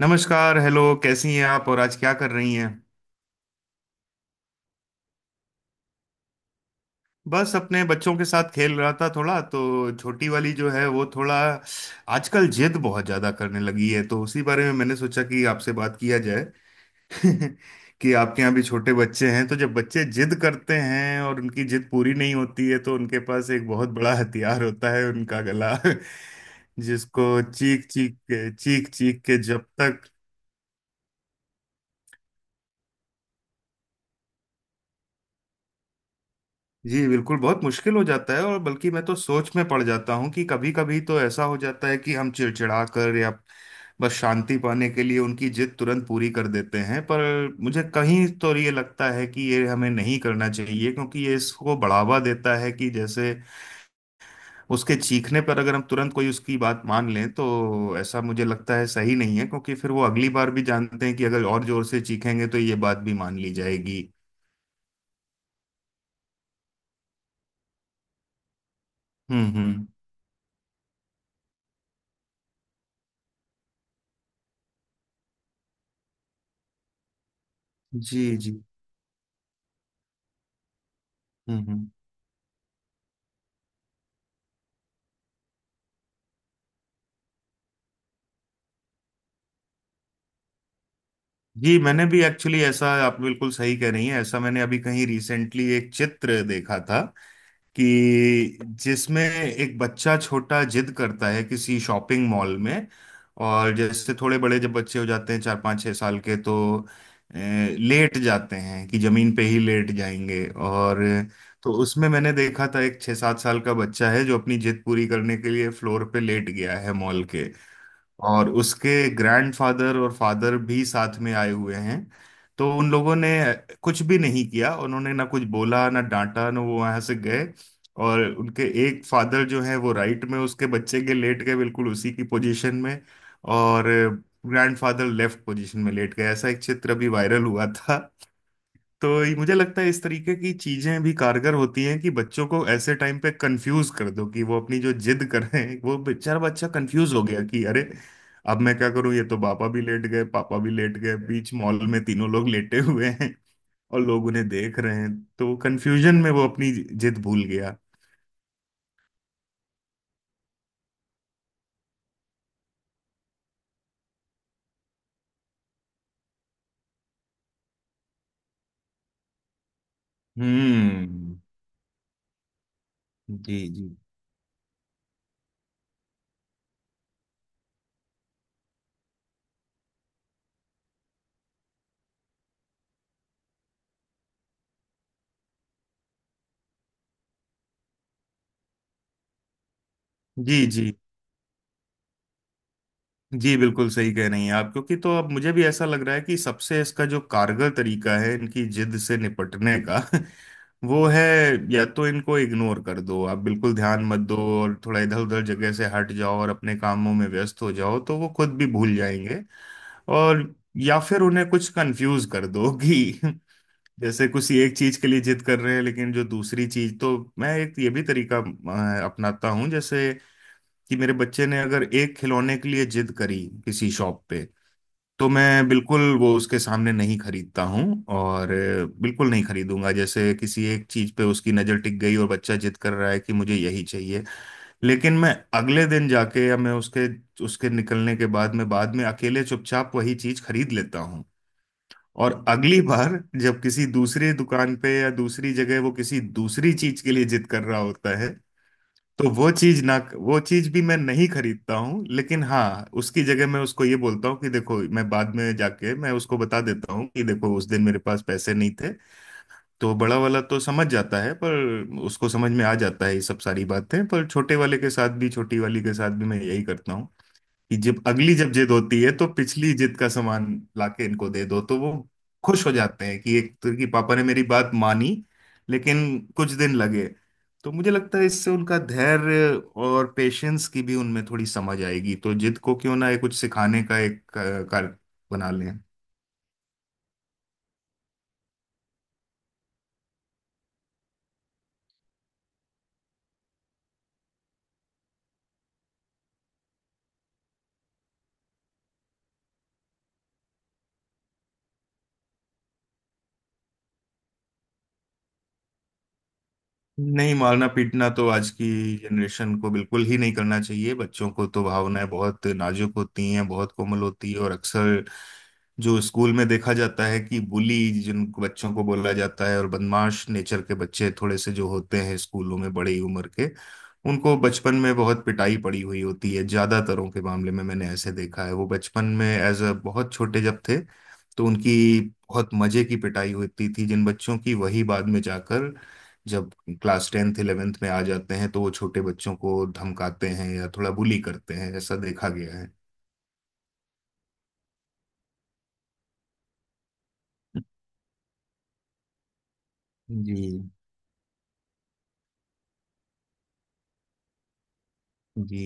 नमस्कार। हेलो, कैसी हैं आप? और आज क्या कर रही हैं? बस अपने बच्चों के साथ खेल रहा था थोड़ा। तो छोटी वाली जो है वो थोड़ा आजकल जिद बहुत ज्यादा करने लगी है, तो उसी बारे में मैंने सोचा कि आपसे बात किया जाए। कि आपके यहाँ भी छोटे बच्चे हैं, तो जब बच्चे जिद करते हैं और उनकी जिद पूरी नहीं होती है तो उनके पास एक बहुत बड़ा हथियार होता है, उनका गला। जिसको चीख चीख के, चीख चीख के जब तक। जी बिल्कुल, बहुत मुश्किल हो जाता है। और बल्कि मैं तो सोच में पड़ जाता हूँ कि कभी कभी तो ऐसा हो जाता है कि हम चिड़चिड़ा कर या बस शांति पाने के लिए उनकी जिद तुरंत पूरी कर देते हैं। पर मुझे कहीं तो ये लगता है कि ये हमें नहीं करना चाहिए क्योंकि ये इसको बढ़ावा देता है। कि जैसे उसके चीखने पर अगर हम तुरंत कोई उसकी बात मान लें, तो ऐसा मुझे लगता है सही नहीं है, क्योंकि फिर वो अगली बार भी जानते हैं कि अगर और जोर से चीखेंगे तो ये बात भी मान ली जाएगी। हम्म। जी जी। हम्म। जी मैंने भी एक्चुअली ऐसा, आप बिल्कुल सही कह रही हैं। ऐसा मैंने अभी कहीं रिसेंटली एक चित्र देखा था कि जिसमें एक बच्चा छोटा जिद करता है किसी शॉपिंग मॉल में। और जैसे थोड़े बड़े जब बच्चे हो जाते हैं, 4-5-6 साल के, तो लेट जाते हैं कि जमीन पे ही लेट जाएंगे। और तो उसमें मैंने देखा था एक 6-7 साल का बच्चा है, जो अपनी जिद पूरी करने के लिए फ्लोर पे लेट गया है मॉल के। और उसके ग्रैंडफादर और फादर भी साथ में आए हुए हैं। तो उन लोगों ने कुछ भी नहीं किया, उन्होंने ना कुछ बोला, ना डांटा, ना वो वहां से गए। और उनके एक फादर जो है वो राइट में उसके बच्चे के लेट गए, बिल्कुल उसी की पोजीशन में। और ग्रैंडफादर लेफ्ट पोजीशन में लेट गए। ऐसा एक चित्र अभी वायरल हुआ था। तो मुझे लगता है इस तरीके की चीजें भी कारगर होती हैं कि बच्चों को ऐसे टाइम पे कंफ्यूज कर दो, कि वो अपनी जो जिद कर रहे हैं, वो बेचारा बच्चा कंफ्यूज हो गया कि अरे अब मैं क्या करूं, ये तो पापा भी लेट गए, पापा भी लेट गए, बीच मॉल में तीनों लोग लेटे हुए हैं और लोग उन्हें देख रहे हैं। तो कंफ्यूजन में वो अपनी जिद भूल गया। हम्म। जी जी। जी जी। जी बिल्कुल सही कह रही हैं आप। क्योंकि तो अब मुझे भी ऐसा लग रहा है कि सबसे इसका जो कारगर तरीका है इनकी जिद से निपटने का, वो है या तो इनको इग्नोर कर दो, आप बिल्कुल ध्यान मत दो और थोड़ा इधर उधर जगह से हट जाओ और अपने कामों में व्यस्त हो जाओ, तो वो खुद भी भूल जाएंगे। और या फिर उन्हें कुछ कंफ्यूज कर दो कि जैसे कुछ एक चीज के लिए जिद कर रहे हैं लेकिन जो दूसरी चीज। तो मैं एक ये भी तरीका अपनाता हूँ। जैसे कि मेरे बच्चे ने अगर एक खिलौने के लिए जिद करी किसी शॉप पे, तो मैं बिल्कुल वो उसके सामने नहीं खरीदता हूँ। और बिल्कुल नहीं खरीदूंगा। जैसे किसी एक चीज पे उसकी नजर टिक गई और बच्चा जिद कर रहा है कि मुझे यही चाहिए, लेकिन मैं अगले दिन जाके या मैं उसके उसके निकलने के बाद मैं बाद में अकेले चुपचाप वही चीज खरीद लेता हूँ। और अगली बार जब किसी दूसरी दुकान पे या दूसरी जगह वो किसी दूसरी चीज के लिए जिद कर रहा होता है, तो वो चीज ना, वो चीज भी मैं नहीं खरीदता हूँ, लेकिन हाँ उसकी जगह मैं उसको ये बोलता हूँ कि देखो मैं बाद में जाके मैं उसको बता देता हूँ कि देखो, उस दिन मेरे पास पैसे नहीं थे। तो बड़ा वाला तो समझ जाता है, पर उसको समझ में आ जाता है ये सब सारी बातें। पर छोटे वाले के साथ भी, छोटी वाली के साथ भी मैं यही करता हूँ कि जब जिद होती है तो पिछली जिद का सामान लाके इनको दे दो, तो वो खुश हो जाते हैं कि एक तो कि पापा ने मेरी बात मानी। लेकिन कुछ दिन लगे। तो मुझे लगता है इससे उनका धैर्य और पेशेंस की भी उनमें थोड़ी समझ आएगी। तो जिद को क्यों ना ये कुछ सिखाने का एक कार्य बना लें। नहीं, मारना पीटना तो आज की जनरेशन को बिल्कुल ही नहीं करना चाहिए। बच्चों को तो भावनाएं बहुत नाजुक होती हैं, बहुत कोमल होती है। और अक्सर जो स्कूल में देखा जाता है कि बुली जिन बच्चों को बोला जाता है और बदमाश नेचर के बच्चे थोड़े से जो होते हैं स्कूलों में, बड़ी उम्र के, उनको बचपन में बहुत पिटाई पड़ी हुई होती है ज्यादातरों के मामले में। मैंने ऐसे देखा है, वो बचपन में एज अ बहुत छोटे जब थे तो उनकी बहुत मजे की पिटाई होती थी जिन बच्चों की, वही बाद में जाकर जब क्लास 10th 11th में आ जाते हैं तो वो छोटे बच्चों को धमकाते हैं या थोड़ा बुली करते हैं, ऐसा देखा गया है। जी जी।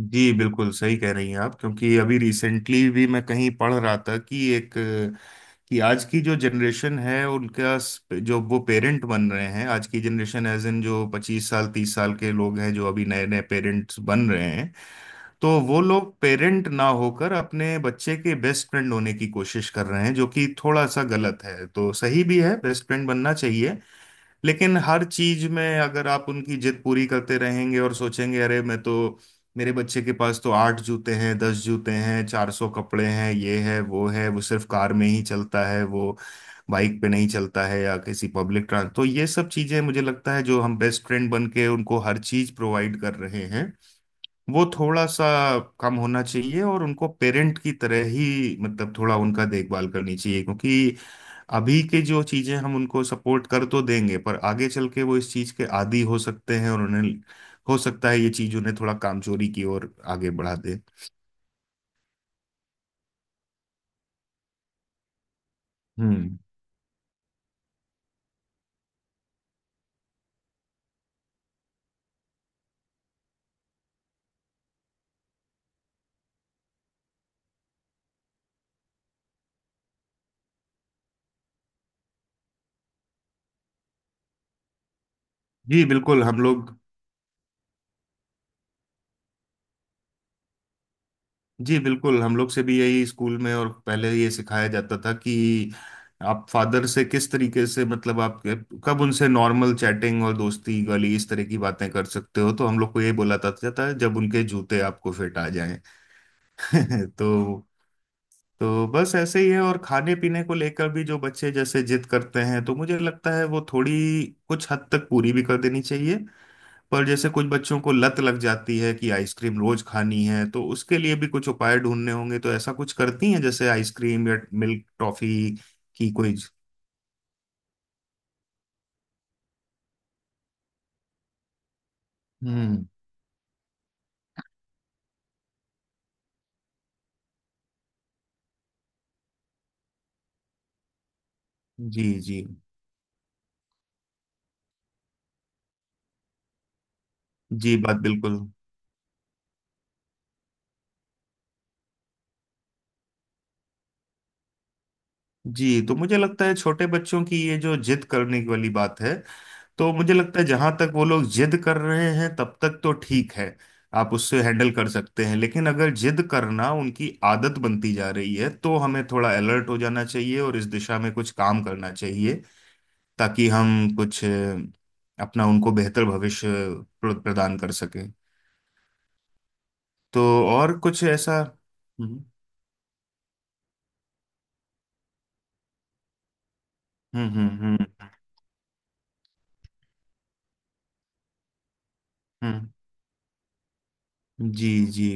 जी बिल्कुल सही कह रही हैं आप। क्योंकि अभी रिसेंटली भी मैं कहीं पढ़ रहा था कि एक कि आज की जो जनरेशन है उनका जो वो पेरेंट बन रहे हैं आज की जनरेशन, एज इन जो 25 साल 30 साल के लोग हैं जो अभी नए नए पेरेंट्स बन रहे हैं, तो वो लोग पेरेंट ना होकर अपने बच्चे के बेस्ट फ्रेंड होने की कोशिश कर रहे हैं, जो कि थोड़ा सा गलत है। तो सही भी है, बेस्ट फ्रेंड बनना चाहिए, लेकिन हर चीज में अगर आप उनकी जिद पूरी करते रहेंगे और सोचेंगे अरे मैं तो मेरे बच्चे के पास तो 8 जूते हैं, 10 जूते हैं, 400 कपड़े हैं, ये है वो है, वो सिर्फ कार में ही चलता है, वो बाइक पे नहीं चलता है या किसी पब्लिक ट्रांस, तो ये सब चीजें मुझे लगता है जो हम बेस्ट फ्रेंड बन के उनको हर चीज प्रोवाइड कर रहे हैं वो थोड़ा सा कम होना चाहिए। और उनको पेरेंट की तरह ही मतलब थोड़ा उनका देखभाल करनी चाहिए। क्योंकि अभी के जो चीजें हम उनको सपोर्ट कर तो देंगे पर आगे चल के वो इस चीज के आदी हो सकते हैं और उन्हें हो सकता है ये चीज उन्हें थोड़ा कामचोरी की ओर आगे बढ़ा दे। हम्म। जी बिल्कुल हम लोग जी बिल्कुल हम लोग से भी यही स्कूल में और पहले ये सिखाया जाता था कि आप फादर से किस तरीके से मतलब आप कब उनसे नॉर्मल चैटिंग और दोस्ती वाली इस तरह की बातें कर सकते हो, तो हम लोग को ये बोला जाता था जब उनके जूते आपको फिट आ जाएं। तो तो बस ऐसे ही है। और खाने पीने को लेकर भी जो बच्चे जैसे जिद करते हैं तो मुझे लगता है वो थोड़ी कुछ हद तक पूरी भी कर देनी चाहिए। पर जैसे कुछ बच्चों को लत लग जाती है कि आइसक्रीम रोज खानी है, तो उसके लिए भी कुछ उपाय ढूंढने होंगे। तो ऐसा कुछ करती हैं जैसे आइसक्रीम या मिल्क टॉफी की कोई। हम्म। जी जी। जी बात बिल्कुल। जी तो मुझे लगता है छोटे बच्चों की ये जो जिद करने की वाली बात है, तो मुझे लगता है जहां तक वो लोग जिद कर रहे हैं तब तक तो ठीक है, आप उससे हैंडल कर सकते हैं, लेकिन अगर जिद करना उनकी आदत बनती जा रही है तो हमें थोड़ा अलर्ट हो जाना चाहिए और इस दिशा में कुछ काम करना चाहिए ताकि हम कुछ अपना उनको बेहतर भविष्य प्रदान कर सकें। तो और कुछ ऐसा हम्म हम्म हम्म हम्म हम्म, जी जी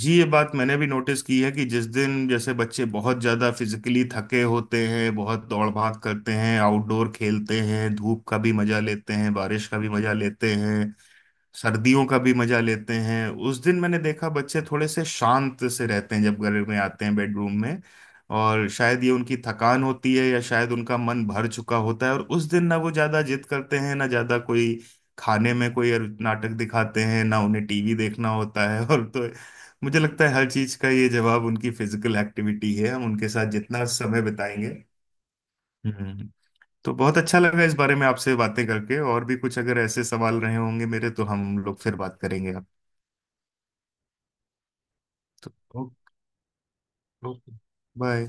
जी ये बात मैंने भी नोटिस की है कि जिस दिन जैसे बच्चे बहुत ज़्यादा फिजिकली थके होते हैं, बहुत दौड़ भाग करते हैं, आउटडोर खेलते हैं, धूप का भी मजा लेते हैं, बारिश का भी मजा लेते हैं, सर्दियों का भी मजा लेते हैं, उस दिन मैंने देखा बच्चे थोड़े से शांत से रहते हैं जब घर में आते हैं बेडरूम में। और शायद ये उनकी थकान होती है या शायद उनका मन भर चुका होता है और उस दिन ना वो ज्यादा जिद करते हैं, ना ज्यादा कोई खाने में कोई नाटक दिखाते हैं, ना उन्हें टीवी देखना होता है। और तो मुझे लगता है हर चीज का ये जवाब उनकी फिजिकल एक्टिविटी है, हम उनके साथ जितना समय बिताएंगे। हम्म। तो बहुत अच्छा लगा इस बारे में आपसे बातें करके, और भी कुछ अगर ऐसे सवाल रहे होंगे मेरे तो हम लोग फिर बात करेंगे आप। तो ओके। ओके। बाय।